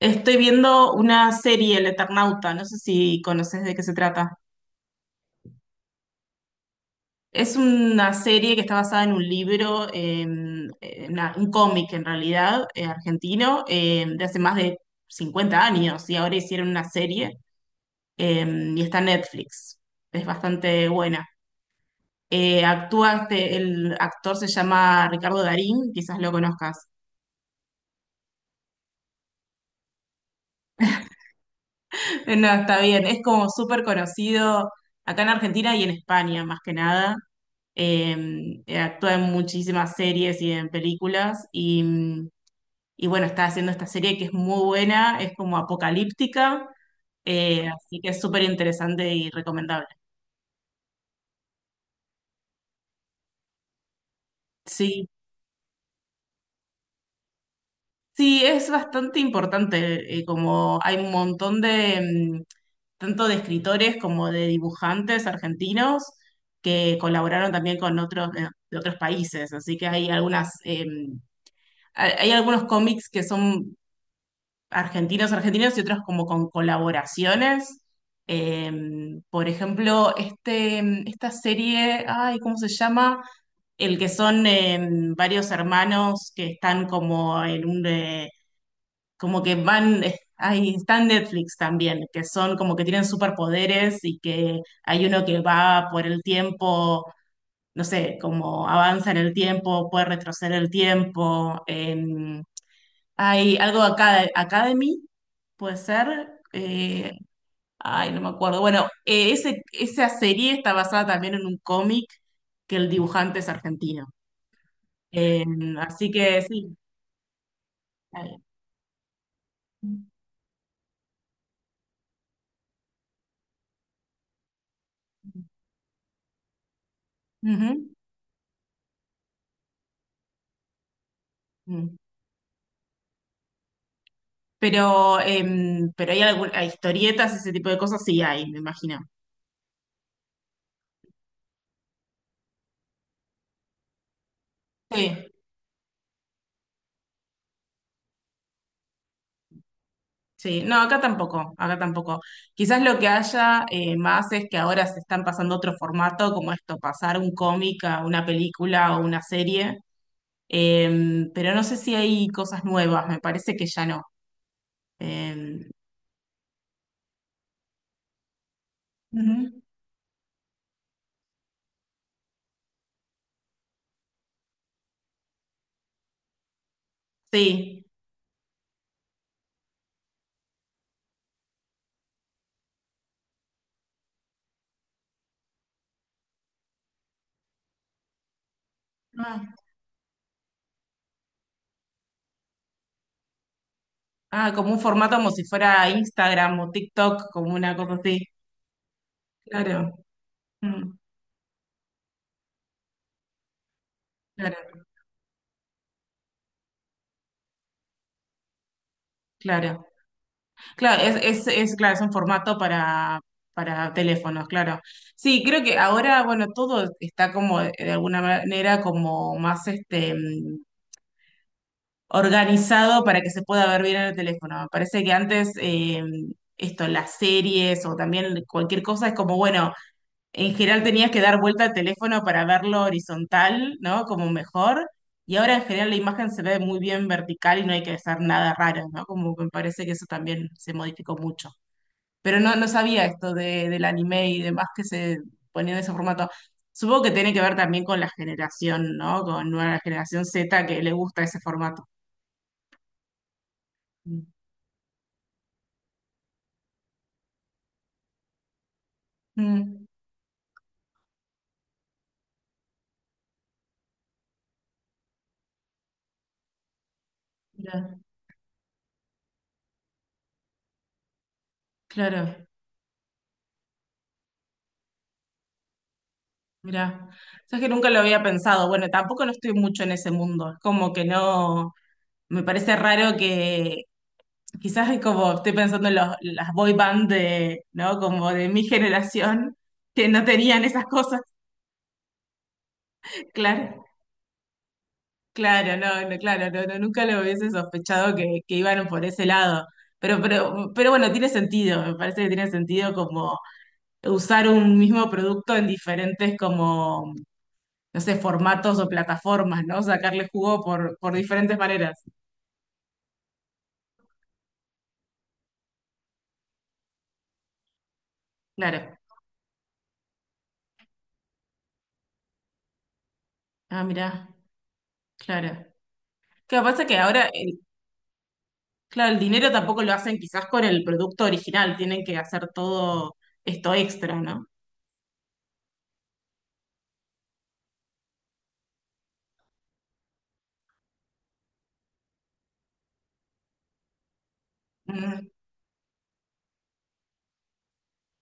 Estoy viendo una serie, El Eternauta, no sé si conoces de qué se trata. Es una serie que está basada en un libro, en un cómic en realidad, argentino, de hace más de 50 años y ahora hicieron una serie y está en Netflix. Es bastante buena. Actúa el actor se llama Ricardo Darín, quizás lo conozcas. No, está bien, es como súper conocido acá en Argentina y en España más que nada. Actúa en muchísimas series y en películas y bueno, está haciendo esta serie que es muy buena, es como apocalíptica, así que es súper interesante y recomendable. Sí, sí, es bastante importante, como hay un montón de, tanto de escritores como de dibujantes argentinos que colaboraron también con otros, de otros países, así que hay algunas hay algunos cómics que son argentinos, argentinos y otros como con colaboraciones. Eh, por ejemplo, esta serie, ay, ¿cómo se llama? El que son varios hermanos que están como en un, como que van, Ay, está en Netflix también, que son como que tienen superpoderes y que hay uno que va por el tiempo, no sé, como avanza en el tiempo, puede retroceder el tiempo. Hay algo acá, Academy. Puede ser. Ay, no me acuerdo. Bueno, esa serie está basada también en un cómic que el dibujante es argentino. Eh, así que sí. Ahí. Ujú. Mm. Pero hay algunas historietas, ese tipo de cosas, sí hay, me imagino. Sí, sí. No, acá tampoco, acá tampoco. Quizás lo que haya más es que ahora se están pasando otro formato, como esto, pasar un cómic a una película o una serie. Pero no sé si hay cosas nuevas, me parece que ya no. Em, ujú, sí. Ah, ah, como un formato como si fuera Instagram o TikTok, como una cosa así. Claro, mm, claro, claro. Claro, es, claro, es un formato para teléfonos, claro. Sí, creo que ahora, bueno, todo está como de alguna manera como más organizado para que se pueda ver bien en el teléfono. Me parece que antes las series o también cualquier cosa es como, bueno, en general tenías que dar vuelta al teléfono para verlo horizontal, ¿no? Como mejor. Y ahora en general la imagen se ve muy bien vertical y no hay que hacer nada raro, ¿no? Como que me parece que eso también se modificó mucho. Pero no, no sabía esto del anime y demás que se ponía en ese formato. Supongo que tiene que ver también con la generación, ¿no? Con nueva generación Z que le gusta ese formato. Mm. Mm, mira, claro, mira. Sabes que nunca lo había pensado. Bueno, tampoco no estoy mucho en ese mundo. Es como que no, me parece raro que quizás es como estoy pensando en las boy band de, ¿no? Como de mi generación, que no tenían esas cosas. Claro, claro, no, no, claro, no, no, nunca lo hubiese sospechado que iban por ese lado. Pero bueno, tiene sentido, me parece que tiene sentido como usar un mismo producto en diferentes como no sé, formatos o plataformas, ¿no? Sacarle jugo por diferentes maneras. Claro. Ah, mirá, claro. ¿Qué pasa? Que ahora, claro, el dinero tampoco lo hacen quizás con el producto original, tienen que hacer todo esto extra, ¿no?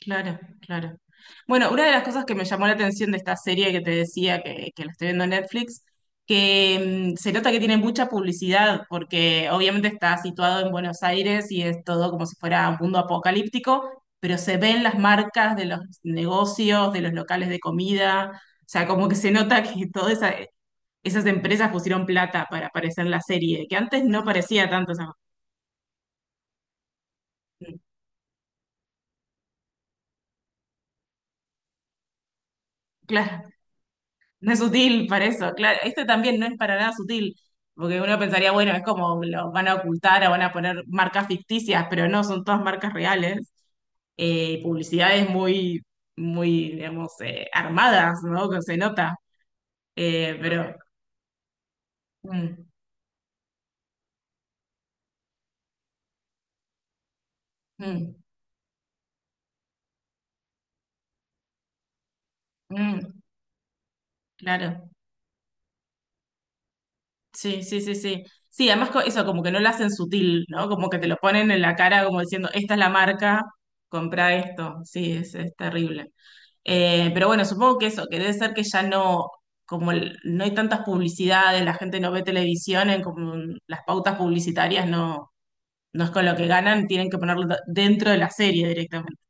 Claro, claro. Bueno, una de las cosas que me llamó la atención de esta serie que te decía que la estoy viendo en Netflix, que se nota que tiene mucha publicidad, porque obviamente está situado en Buenos Aires y es todo como si fuera un mundo apocalíptico, pero se ven las marcas de los negocios, de los locales de comida, o sea, como que se nota que todas esas empresas pusieron plata para aparecer en la serie, que antes no parecía tanto esa. Claro, no es sutil para eso, claro. Este también no es para nada sutil, porque uno pensaría, bueno, es como lo van a ocultar o van a poner marcas ficticias, pero no, son todas marcas reales. Publicidades muy, muy, digamos, armadas, ¿no? Que se nota. Pero, mm, mm, mm, claro. Sí, sí, sí, sí. Sí, además eso, como que no lo hacen sutil, ¿no? Como que te lo ponen en la cara como diciendo, esta es la marca, compra esto. Sí, es terrible. Pero bueno, supongo que eso, que debe ser que ya no, como no hay tantas publicidades, la gente no ve televisión, en como las pautas publicitarias no, no es con lo que ganan, tienen que ponerlo dentro de la serie directamente.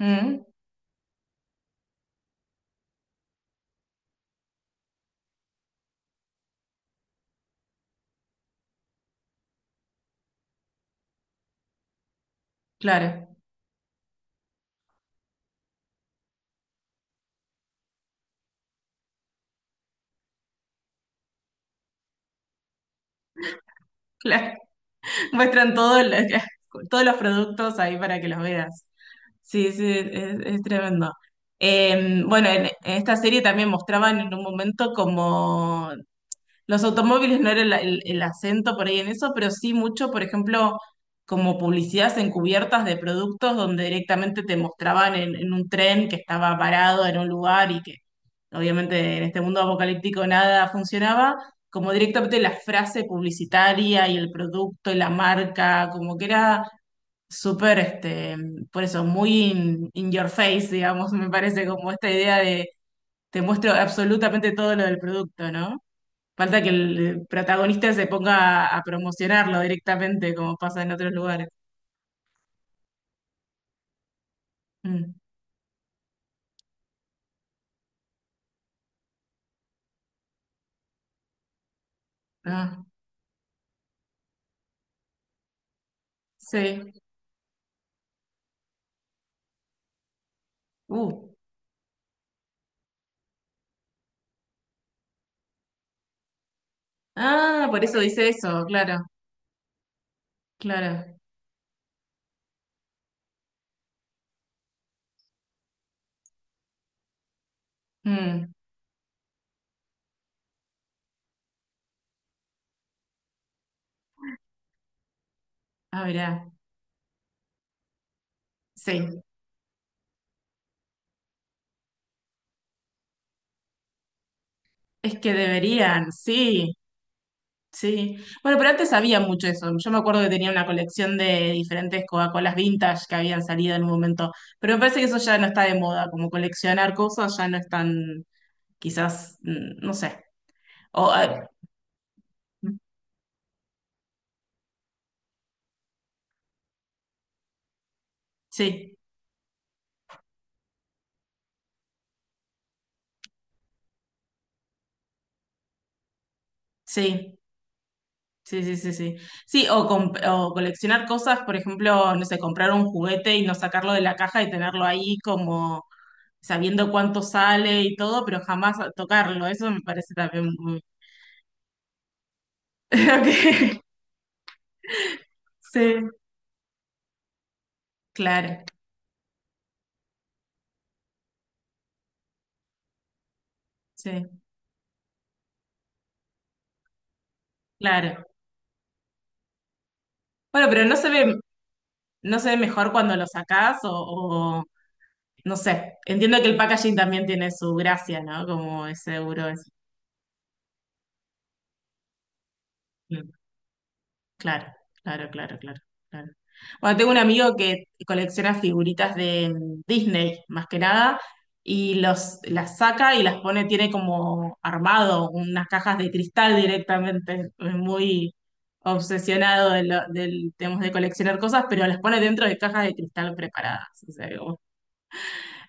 Mm, claro, claro. Muestran todo lo que- todos los productos ahí para que los veas. Sí, sí, es tremendo. Bueno, en esta serie también mostraban en un momento como los automóviles no era el acento por ahí en eso, pero sí mucho, por ejemplo, como publicidades encubiertas de productos donde directamente te mostraban en un tren que estaba parado en un lugar y que obviamente en este mundo apocalíptico nada funcionaba, como directamente la frase publicitaria y el producto y la marca, como que era súper, por eso, muy in your face, digamos, me parece como esta idea de te muestro absolutamente todo lo del producto, ¿no? Falta que el protagonista se ponga a promocionarlo directamente, como pasa en otros lugares. Mm. Ah, sí. Uh. Ah, por eso dice eso, claro, claro. Mm. Ah, mirá. Sí. Es que deberían, sí, sí. Bueno, pero antes había mucho eso. Yo me acuerdo que tenía una colección de diferentes Coca-Colas vintage que habían salido en un momento. Pero me parece que eso ya no está de moda, como coleccionar cosas ya no es tan, quizás, no sé. O, ah, mm, sí, sí. Sí, sí, sí, sí. Sí, o coleccionar cosas, por ejemplo, no sé, comprar un juguete y no sacarlo de la caja y tenerlo ahí como sabiendo cuánto sale y todo, pero jamás tocarlo. Eso me parece también muy. Ok. Sí, claro, sí, claro. Bueno, pero no se ve mejor cuando lo sacás o no sé. Entiendo que el packaging también tiene su gracia, ¿no? Como es seguro. Es. mm, Claro, claro, claro, claro, claro. Bueno, tengo un amigo que colecciona figuritas de Disney, más que nada, y las saca y las pone, tiene como armado unas cajas de cristal directamente, es muy obsesionado de del tema de coleccionar cosas, pero las pone dentro de cajas de cristal preparadas. O sea,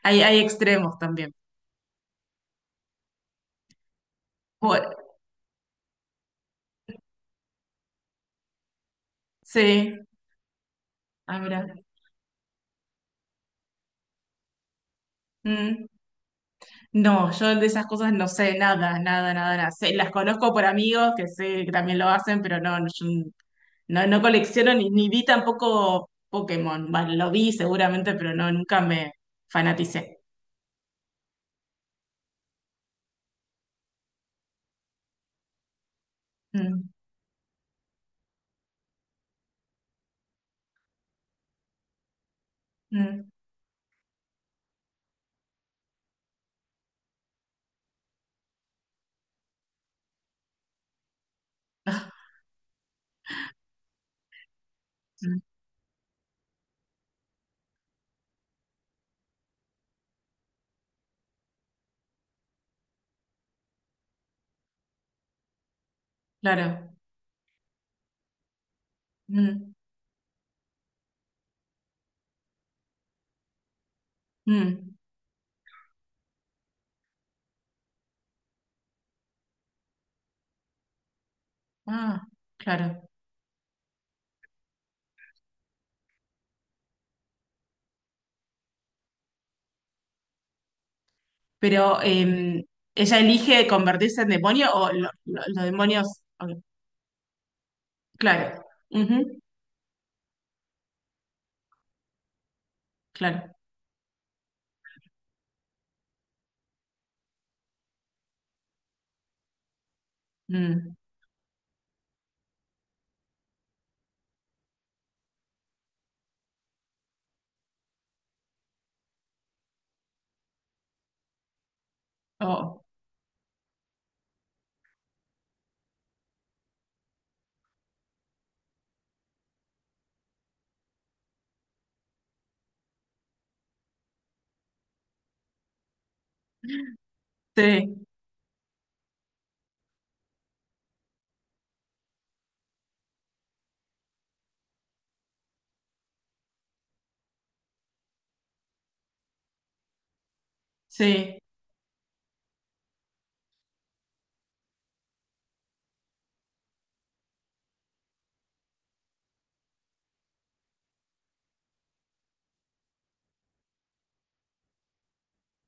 hay extremos también. Bueno, sí, ah, mirá. Mm. No, yo de esas cosas no sé nada, nada, nada, nada. Las conozco por amigos que sé que también lo hacen, pero no, no, yo no, no colecciono ni vi tampoco Pokémon. Bueno, lo vi seguramente, pero no, nunca me fanaticé. Mm, mm, mm, claro. Mm, mm. Ah, claro. Pero ella elige convertirse en demonio o los demonios. Ok, claro. Ujú, claro. Mm. Oh, sí, sí.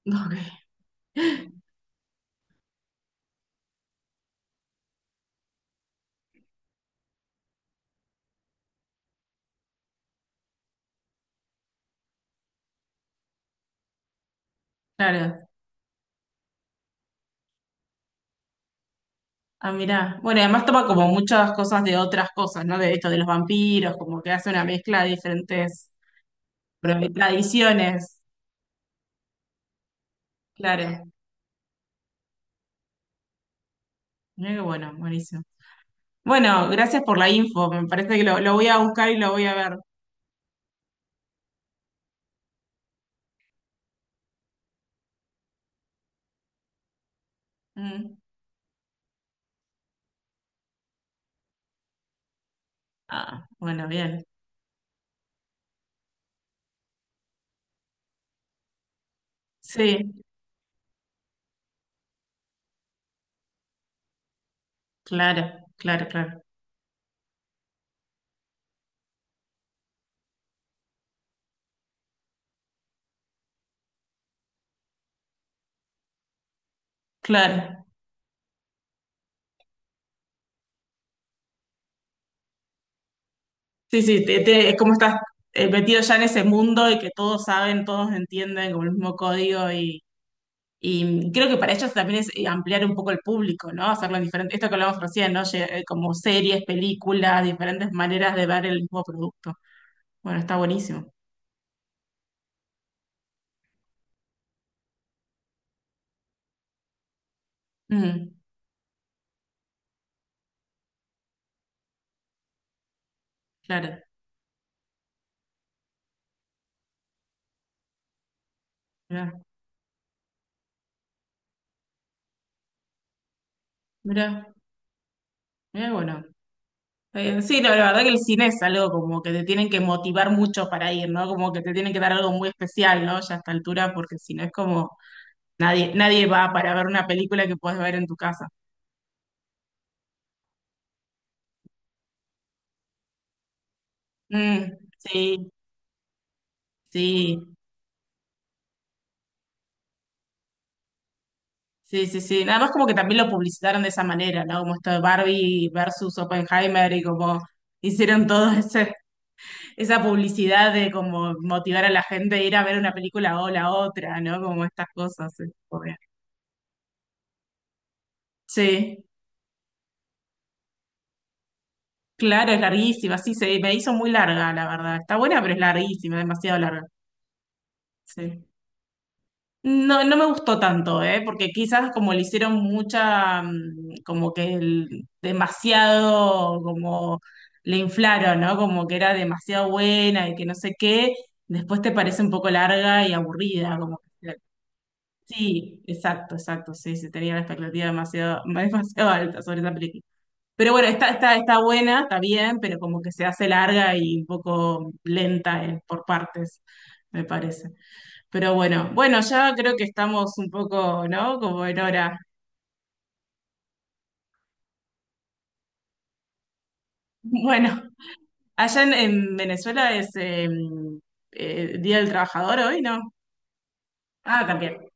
Ok. Claro, ah, mirá. Bueno, y además toma como muchas cosas de otras cosas, ¿no? De esto de los vampiros, como que hace una mezcla de diferentes tradiciones. Claro, mirá qué bueno, buenísimo. Bueno, gracias por la info, me parece que lo voy a buscar y lo voy a ver. Mm. Ah, bueno, bien. Sí, claro, claro, claro, claro. Sí, sí, es como estás metido ya en ese mundo y que todos saben, todos entienden, como el mismo código. Y creo que para ellos también es ampliar un poco el público, ¿no? Hacerlo diferente. Esto que hablamos recién, ¿no? Como series, películas, diferentes maneras de ver el mismo producto. Bueno, está buenísimo. Mm, claro. Mirá, mirá, mirá, bueno. Sí, la verdad que el cine es algo como que te tienen que motivar mucho para ir, ¿no? Como que te tienen que dar algo muy especial, ¿no? Ya a esta altura, porque si no es como nadie va para ver una película que puedes ver en tu casa. Mm, sí, sí. Sí, sí, sí. Nada más como que también lo publicitaron de esa manera, ¿no? Como esto de Barbie versus Oppenheimer y como hicieron todo esa publicidad de como motivar a la gente a ir a ver una película o la otra, ¿no? Como estas cosas. Sí, obvio. Sí, claro, es larguísima. Sí, se me hizo muy larga, la verdad. Está buena, pero es larguísima, demasiado larga. Sí. No, no me gustó tanto, ¿eh? Porque quizás como le hicieron mucha, como que demasiado, como le inflaron, ¿no? Como que era demasiado buena y que no sé qué, después te parece un poco larga y aburrida, sí, exacto, exacto, sí, se tenía la expectativa demasiado, demasiado alta sobre esa película. Pero bueno, está buena, está bien, pero como que se hace larga y un poco lenta, por partes, me parece. Pero bueno, bueno, ya creo que estamos un poco, ¿no? Como en hora. Bueno, allá en Venezuela es Día del Trabajador hoy, ¿no? Ah, también.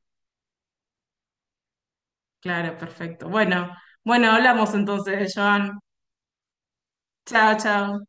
Claro, perfecto. Bueno, bueno, hablamos entonces, Joan. Chao, chao.